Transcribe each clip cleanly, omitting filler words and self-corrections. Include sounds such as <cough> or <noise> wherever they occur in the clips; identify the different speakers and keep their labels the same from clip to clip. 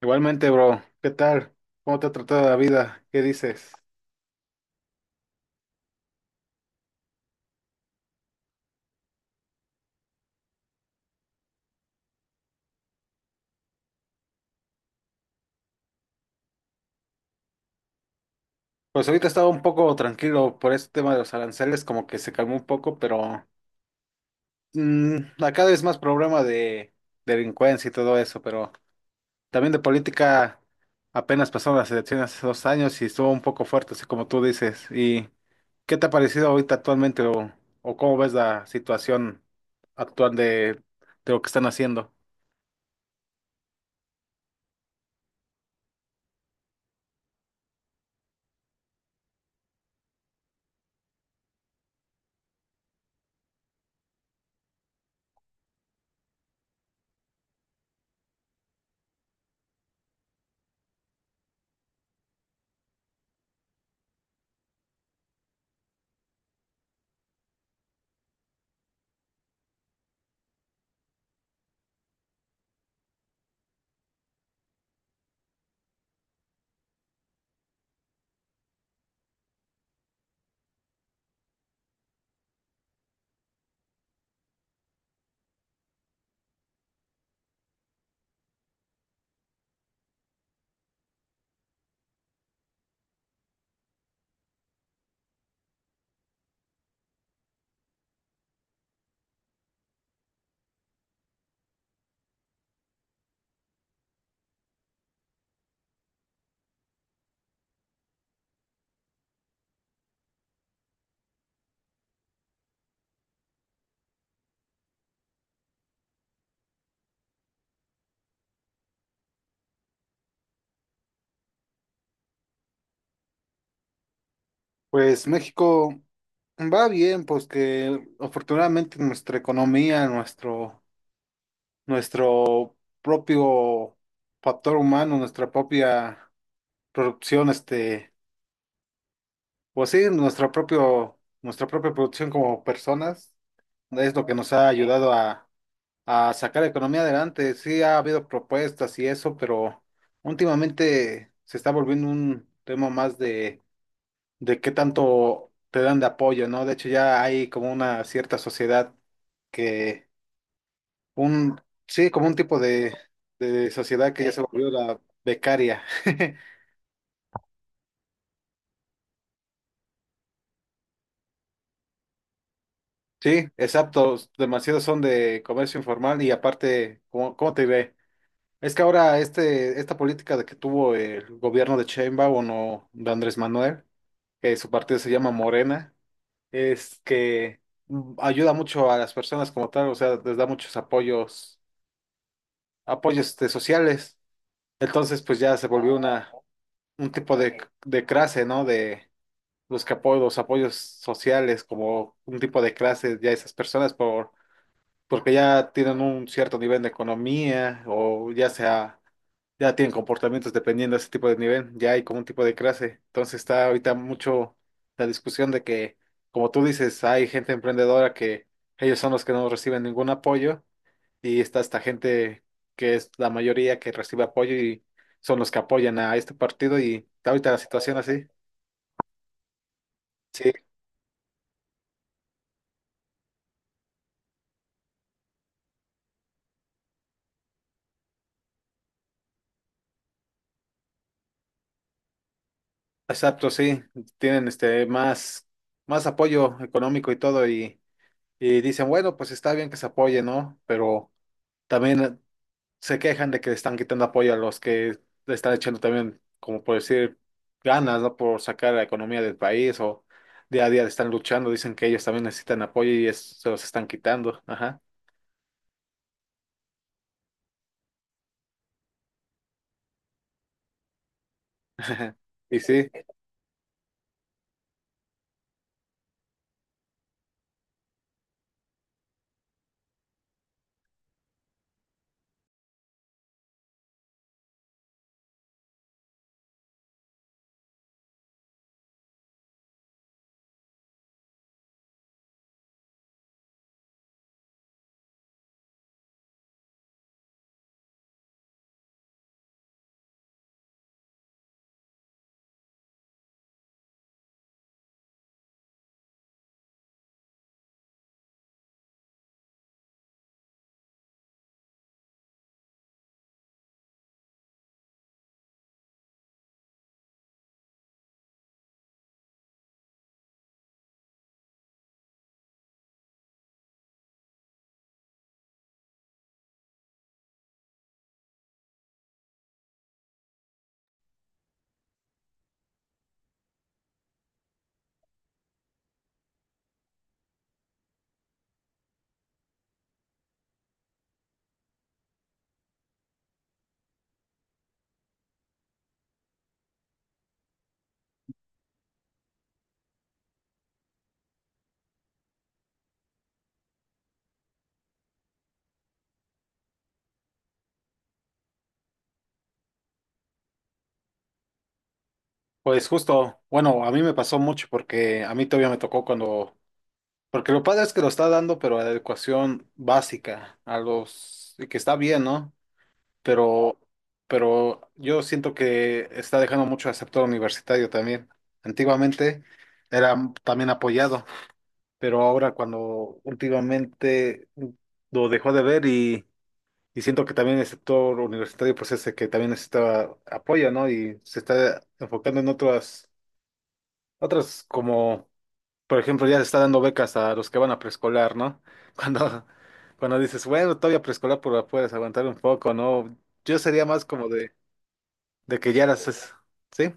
Speaker 1: Igualmente, bro, ¿qué tal? ¿Cómo te ha tratado la vida? ¿Qué dices? Pues ahorita estaba un poco tranquilo por este tema de los aranceles, como que se calmó un poco, pero acá es más problema de delincuencia y todo eso, pero también de política. Apenas pasaron las elecciones hace 2 años y estuvo un poco fuerte, así como tú dices. ¿Y qué te ha parecido ahorita actualmente, o cómo ves la situación actual de lo que están haciendo? Pues México va bien, pues que afortunadamente nuestra economía, nuestro propio factor humano, nuestra propia producción, pues sí, nuestra propio, nuestra propia producción como personas, es lo que nos ha ayudado a sacar la economía adelante. Sí ha habido propuestas y eso, pero últimamente se está volviendo un tema más de qué tanto te dan de apoyo, ¿no? De hecho, ya hay como una cierta sociedad que un, sí, como un tipo de sociedad que ya se volvió la becaria. <laughs> Sí, exacto. Demasiados son de comercio informal y aparte, ¿cómo, cómo te ve? Es que ahora esta política de que tuvo el gobierno de Sheinbaum o de Andrés Manuel, que su partido se llama Morena, es que ayuda mucho a las personas como tal, o sea, les da muchos apoyos, apoyos este, sociales. Entonces, pues ya se volvió una, un tipo de clase, ¿no? De los que apoyo, los apoyos sociales, como un tipo de clases ya esas personas porque ya tienen un cierto nivel de economía o ya sea, ya tienen comportamientos dependiendo de ese tipo de nivel, ya hay como un tipo de clase. Entonces está ahorita mucho la discusión de que, como tú dices, hay gente emprendedora que ellos son los que no reciben ningún apoyo y está esta gente que es la mayoría que recibe apoyo y son los que apoyan a este partido y está ahorita la situación así. Sí. Exacto, sí, tienen este más, más apoyo económico y todo, y dicen, bueno, pues está bien que se apoye, ¿no? Pero también se quejan de que le están quitando apoyo a los que le están echando también, como por decir, ganas, ¿no? Por sacar la economía del país o día a día le están luchando, dicen que ellos también necesitan apoyo y es- se los están quitando, ajá. <laughs> Y sí, pues justo, bueno, a mí me pasó mucho porque a mí todavía me tocó cuando. Porque lo padre es que lo está dando, pero a la educación básica, a los, y que está bien, ¿no? Pero, pero yo siento que está dejando mucho al sector universitario también. Antiguamente era también apoyado, pero ahora cuando últimamente lo dejó de ver y siento que también el sector universitario pues ese que también necesitaba apoyo, ¿no? Y se está enfocando en otras, otras como por ejemplo, ya se está dando becas a los que van a preescolar, ¿no? <laughs> Cuando, cuando dices, bueno, todavía preescolar pero puedes aguantar un poco, ¿no? Yo sería más como de que ya las es- ¿sí?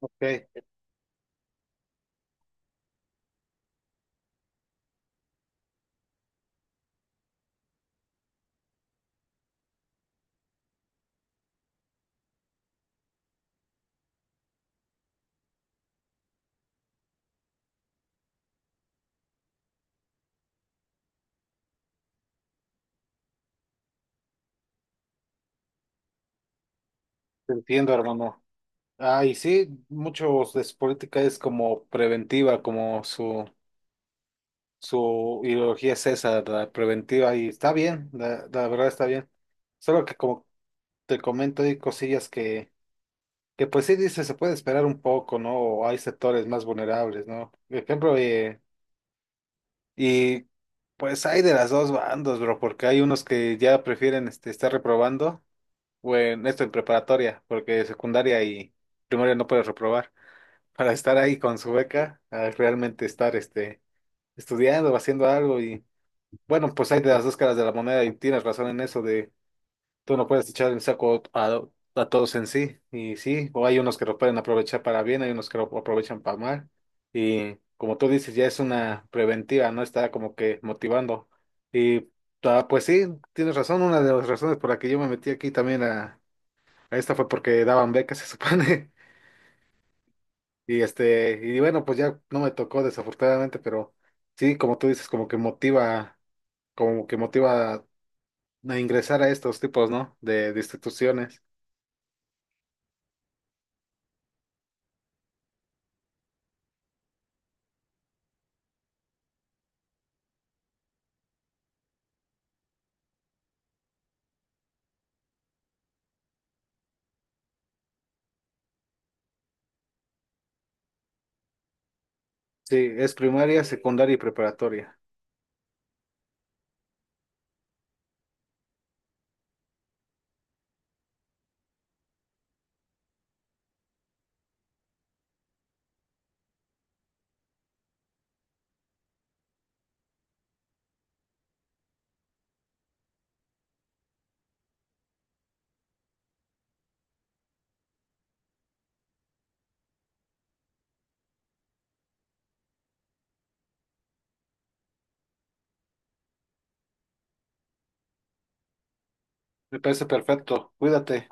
Speaker 1: Ok, te entiendo, hermano. Ah, y sí, muchos de su política es como preventiva, como su ideología es esa, la preventiva, y está bien, la verdad está bien. Solo que como te comento, hay cosillas que. Que pues sí dice, se puede esperar un poco, ¿no? O hay sectores más vulnerables, ¿no? Por ejemplo, y pues hay de las dos bandos, bro, porque hay unos que ya prefieren este, estar reprobando, o en esto en preparatoria, porque secundaria y primaria no puedes reprobar, para estar ahí con su beca, a realmente estar este, estudiando o haciendo algo. Y bueno, pues hay de las dos caras de la moneda y tienes razón en eso de... Tú no puedes echar el saco a todos en sí, y sí, o hay unos que lo pueden aprovechar para bien, hay unos que lo aprovechan para mal, y como tú dices, ya es una preventiva, ¿no? Está como que motivando. Y ah, pues sí, tienes razón, una de las razones por la que yo me metí aquí también a esta fue porque daban becas, se supone, <laughs> y este, y bueno, pues ya no me tocó desafortunadamente, pero sí, como tú dices, como que motiva a ingresar a estos tipos, ¿no? De instituciones. Sí, es primaria, secundaria y preparatoria. Me parece perfecto. Cuídate.